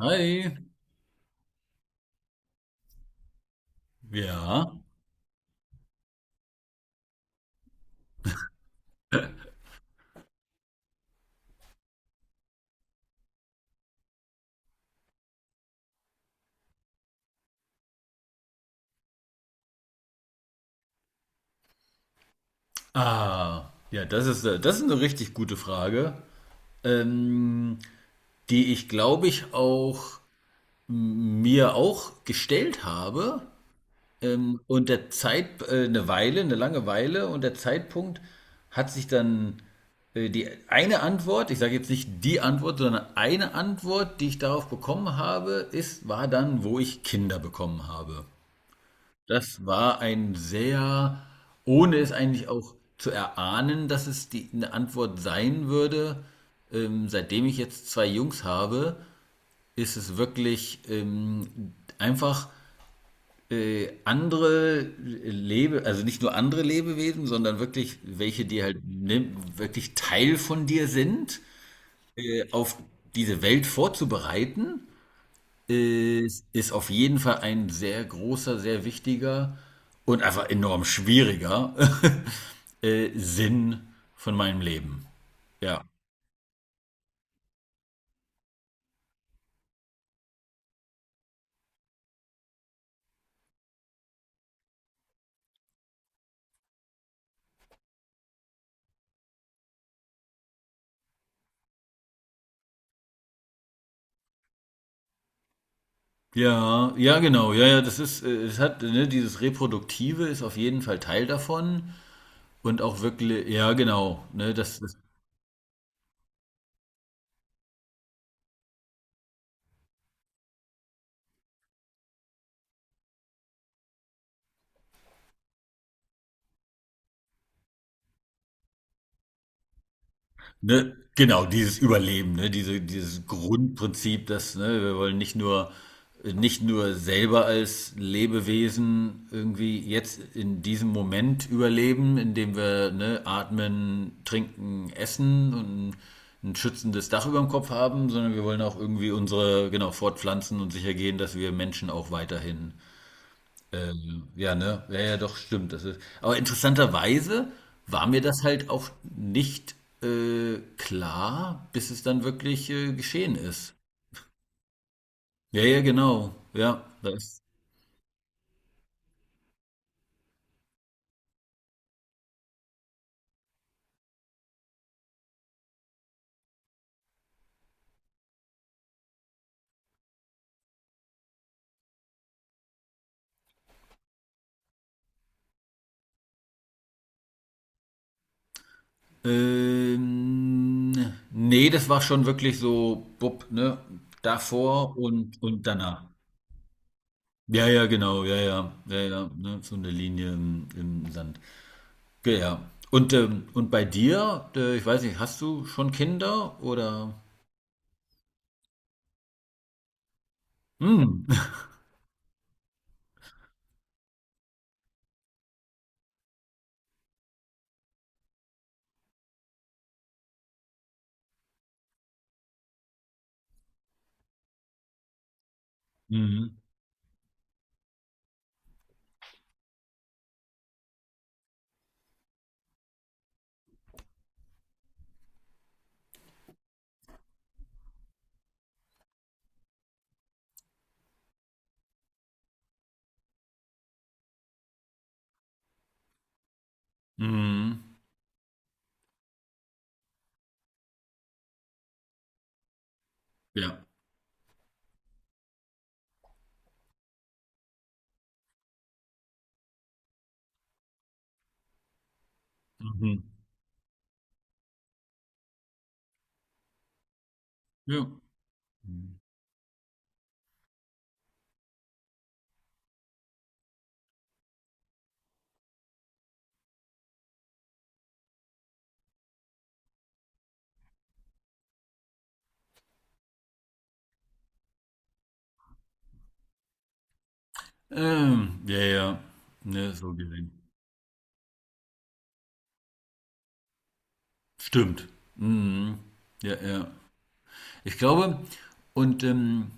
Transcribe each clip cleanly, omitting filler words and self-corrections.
Hi, ja. Ah, ja, das ist eine richtig gute Frage, ähm, die ich, glaube ich, auch mir auch gestellt habe. Und der Zeit, eine Weile, eine lange Weile und der Zeitpunkt hat sich dann die eine Antwort, ich sage jetzt nicht die Antwort, sondern eine Antwort, die ich darauf bekommen habe, ist, war dann, wo ich Kinder bekommen habe. Das war ein sehr, ohne es eigentlich auch zu erahnen, dass es die, eine Antwort sein würde. Seitdem ich jetzt 2 Jungs habe, ist es wirklich einfach andere Lebe, also nicht nur andere Lebewesen, sondern wirklich welche, die halt ne, wirklich Teil von dir sind, auf diese Welt vorzubereiten ist, ist auf jeden Fall ein sehr großer, sehr wichtiger und einfach enorm schwieriger Sinn von meinem Leben. Ja. Ja, ja, genau. Ja, ja, das ist, es hat, ne, dieses Reproduktive ist auf jeden Fall Teil davon. Und auch wirklich, ja, genau, ne, das. Ne, genau, dieses Überleben, ne, diese, dieses Grundprinzip, dass, ne, wir wollen nicht nur, nicht nur selber als Lebewesen irgendwie jetzt in diesem Moment überleben, indem wir, ne, atmen, trinken, essen und ein schützendes Dach über dem Kopf haben, sondern wir wollen auch irgendwie unsere, genau, fortpflanzen und sicher gehen, dass wir Menschen auch weiterhin ja, ne? Ja, ja, doch, stimmt. Das ist, aber interessanterweise war mir das halt auch nicht klar, bis es dann wirklich geschehen ist. Ja, ja, genau. Ja, das. Ähm, nee, das war schon wirklich so, bupp, ne? Davor und danach. Ja, ja, genau, ja, ja, ja, ja, ne? So eine Linie im, im Sand. Ja, ja. Und bei dir, ich weiß nicht, hast du schon Kinder oder? Hm. Mhm. Mhm. Ja. Mhm. Ja. Ja, ja. Ne, so gesehen. Stimmt. Mhm. Ja, ja. Ich glaube, und, ähm,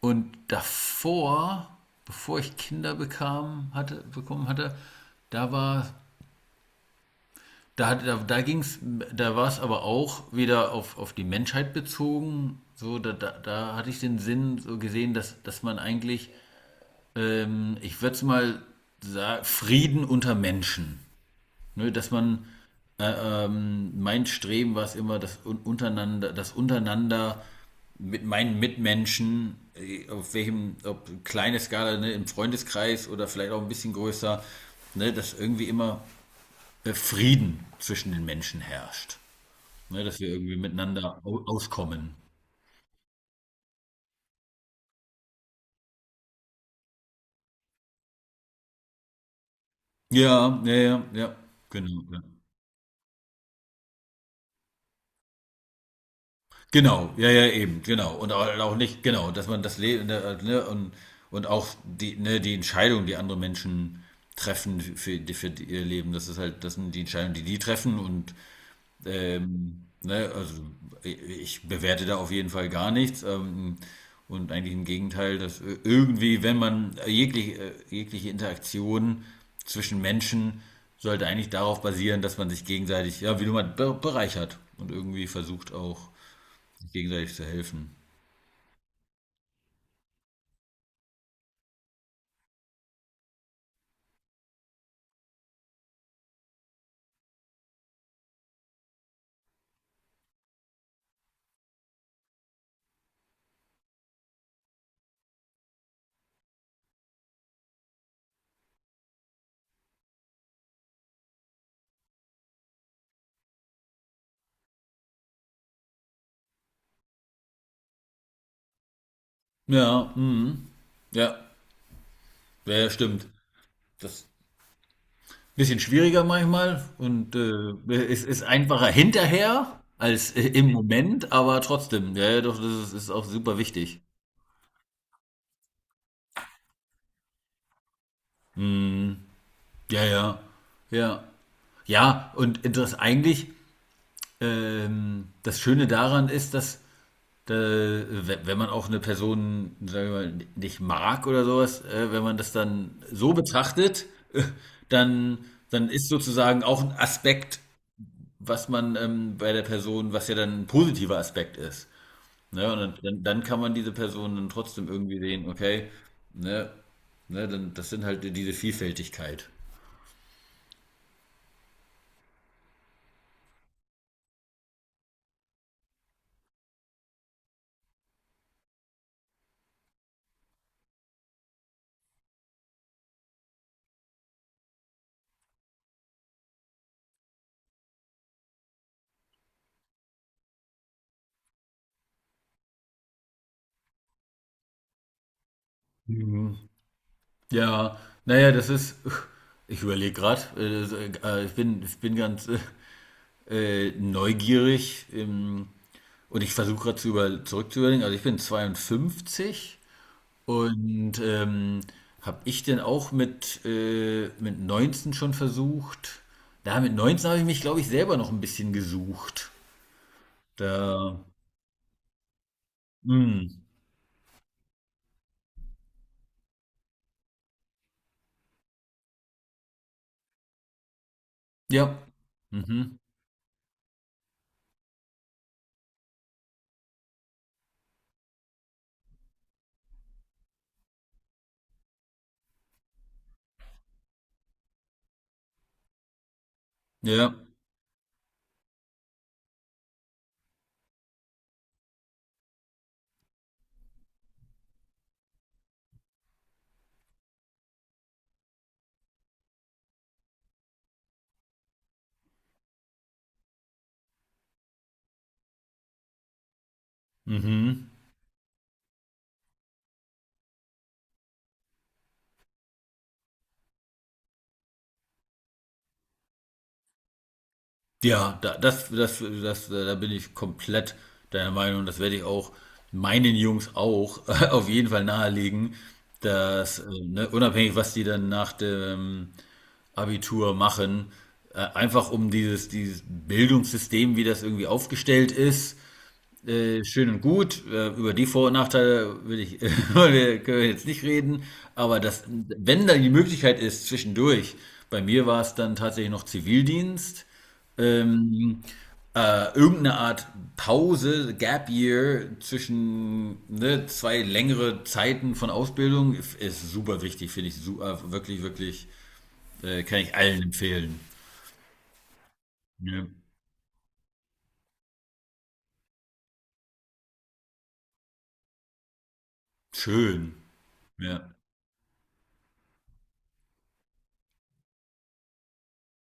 und davor, bevor ich Kinder bekam, hatte, bekommen hatte, da war, da hatte, da, da ging's, da war es aber auch wieder auf die Menschheit bezogen. So, da, da, da hatte ich den Sinn so gesehen, dass, dass man eigentlich ich würde es mal sagen, Frieden unter Menschen. Ne, dass man, mein Streben war es immer, das untereinander mit meinen Mitmenschen, auf welchem, ob kleine Skala, ne, im Freundeskreis oder vielleicht auch ein bisschen größer, ne, dass irgendwie immer Frieden zwischen den Menschen herrscht. Ne, dass wir irgendwie miteinander auskommen. Ja, ja, ja, ja, genau. Ja. Genau, ja, ja, eben, genau. Und auch, auch nicht, genau, dass man das Leben, ne, ne, und auch die, ne, die Entscheidung, die andere Menschen treffen für die- ihr Leben, das ist halt, das sind die Entscheidungen, die die treffen und, ne, also ich ich bewerte da auf jeden Fall gar nichts. Und eigentlich im Gegenteil, dass irgendwie, wenn man jegliche, jegliche Interaktion zwischen Menschen sollte eigentlich darauf basieren, dass man sich gegenseitig, ja, wie du mal, bereichert und irgendwie versucht auch sich gegenseitig zu helfen. Ja, mhm. Ja, ja, ja, stimmt. Das ist ein bisschen schwieriger manchmal und es ist einfacher hinterher als im Moment, aber trotzdem, ja, ja, doch, das ist, ist auch super wichtig. Ja, ja, ja. Ja, und das eigentlich, das Schöne daran ist, dass wenn man auch eine Person, sagen wir mal, nicht mag oder sowas, wenn man das dann so betrachtet, äh, dann, dann ist sozusagen auch ein Aspekt, was man bei der Person, was ja dann ein positiver Aspekt ist. Ne? Und dann, dann kann man diese Person dann trotzdem irgendwie sehen, okay, ne, ne, dann, das sind halt diese Vielfältigkeit. Mhm. Ja, naja, das ist, ich überlege gerade, das, ich bin ganz, neugierig und ich versuche gerade zu über zurückzuüberlegen. Also ich bin 52 und habe ich denn auch mit 19 schon versucht? Da mit 19 habe ich mich, glaube ich, selber noch ein bisschen gesucht. Da, mh, ja, mhm, ja, mhm. Ja, da, das, das, das, da bin ich komplett deiner Meinung. Das werde ich auch meinen Jungs auch auf jeden Fall nahelegen, dass, ne, unabhängig, was die dann nach dem Abitur machen, einfach um dieses, dieses Bildungssystem, wie das irgendwie aufgestellt ist, schön und gut. Über die Vor- und Nachteile will ich, können wir jetzt nicht reden. Aber das, wenn dann die Möglichkeit ist, zwischendurch, bei mir war es dann tatsächlich noch Zivildienst, ähm, irgendeine Art Pause, Gap Year zwischen ne, zwei längere Zeiten von Ausbildung ist, ist super wichtig, finde ich super, wirklich, wirklich, kann ich allen empfehlen. Ja. Schön. Ja.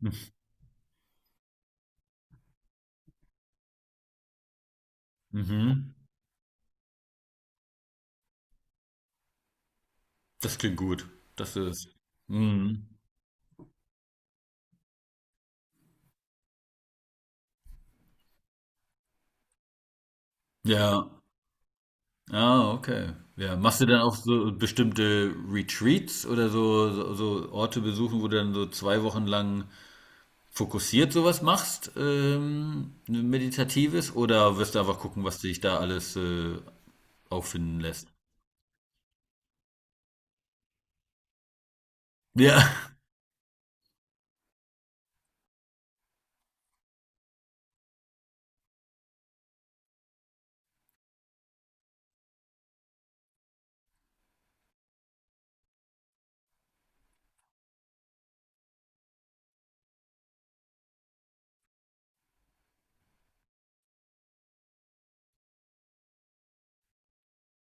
Mhm. Das klingt gut. Das ist. Mhm. Ja. Ah, okay. Ja. Machst du dann auch so bestimmte Retreats oder so, so, so Orte besuchen, wo du dann so 2 Wochen lang fokussiert sowas machst, meditatives, oder wirst du einfach gucken, was dich da alles auffinden lässt? Ja.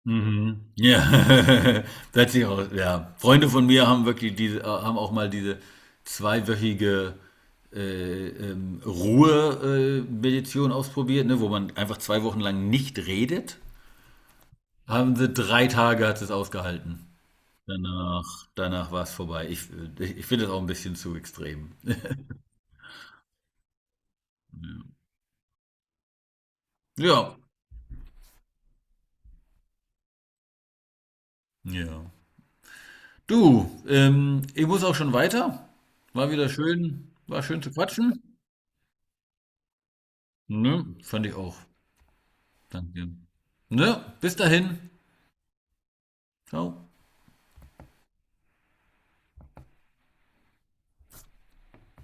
Mhm. Ja, da hat sich auch ja. Freunde von mir haben wirklich diese, haben auch mal diese zweiwöchige Ruhe-Meditation ausprobiert, ne, wo man einfach 2 Wochen lang nicht redet. Haben sie 3 Tage hat es ausgehalten. Danach, danach war es vorbei. Ich, ich finde das auch ein bisschen zu extrem. Ja, ja. Du, ich muss auch schon weiter. War wieder schön, war schön zu quatschen. Ne, fand ich auch. Danke. Ne, bis dahin. Ciao.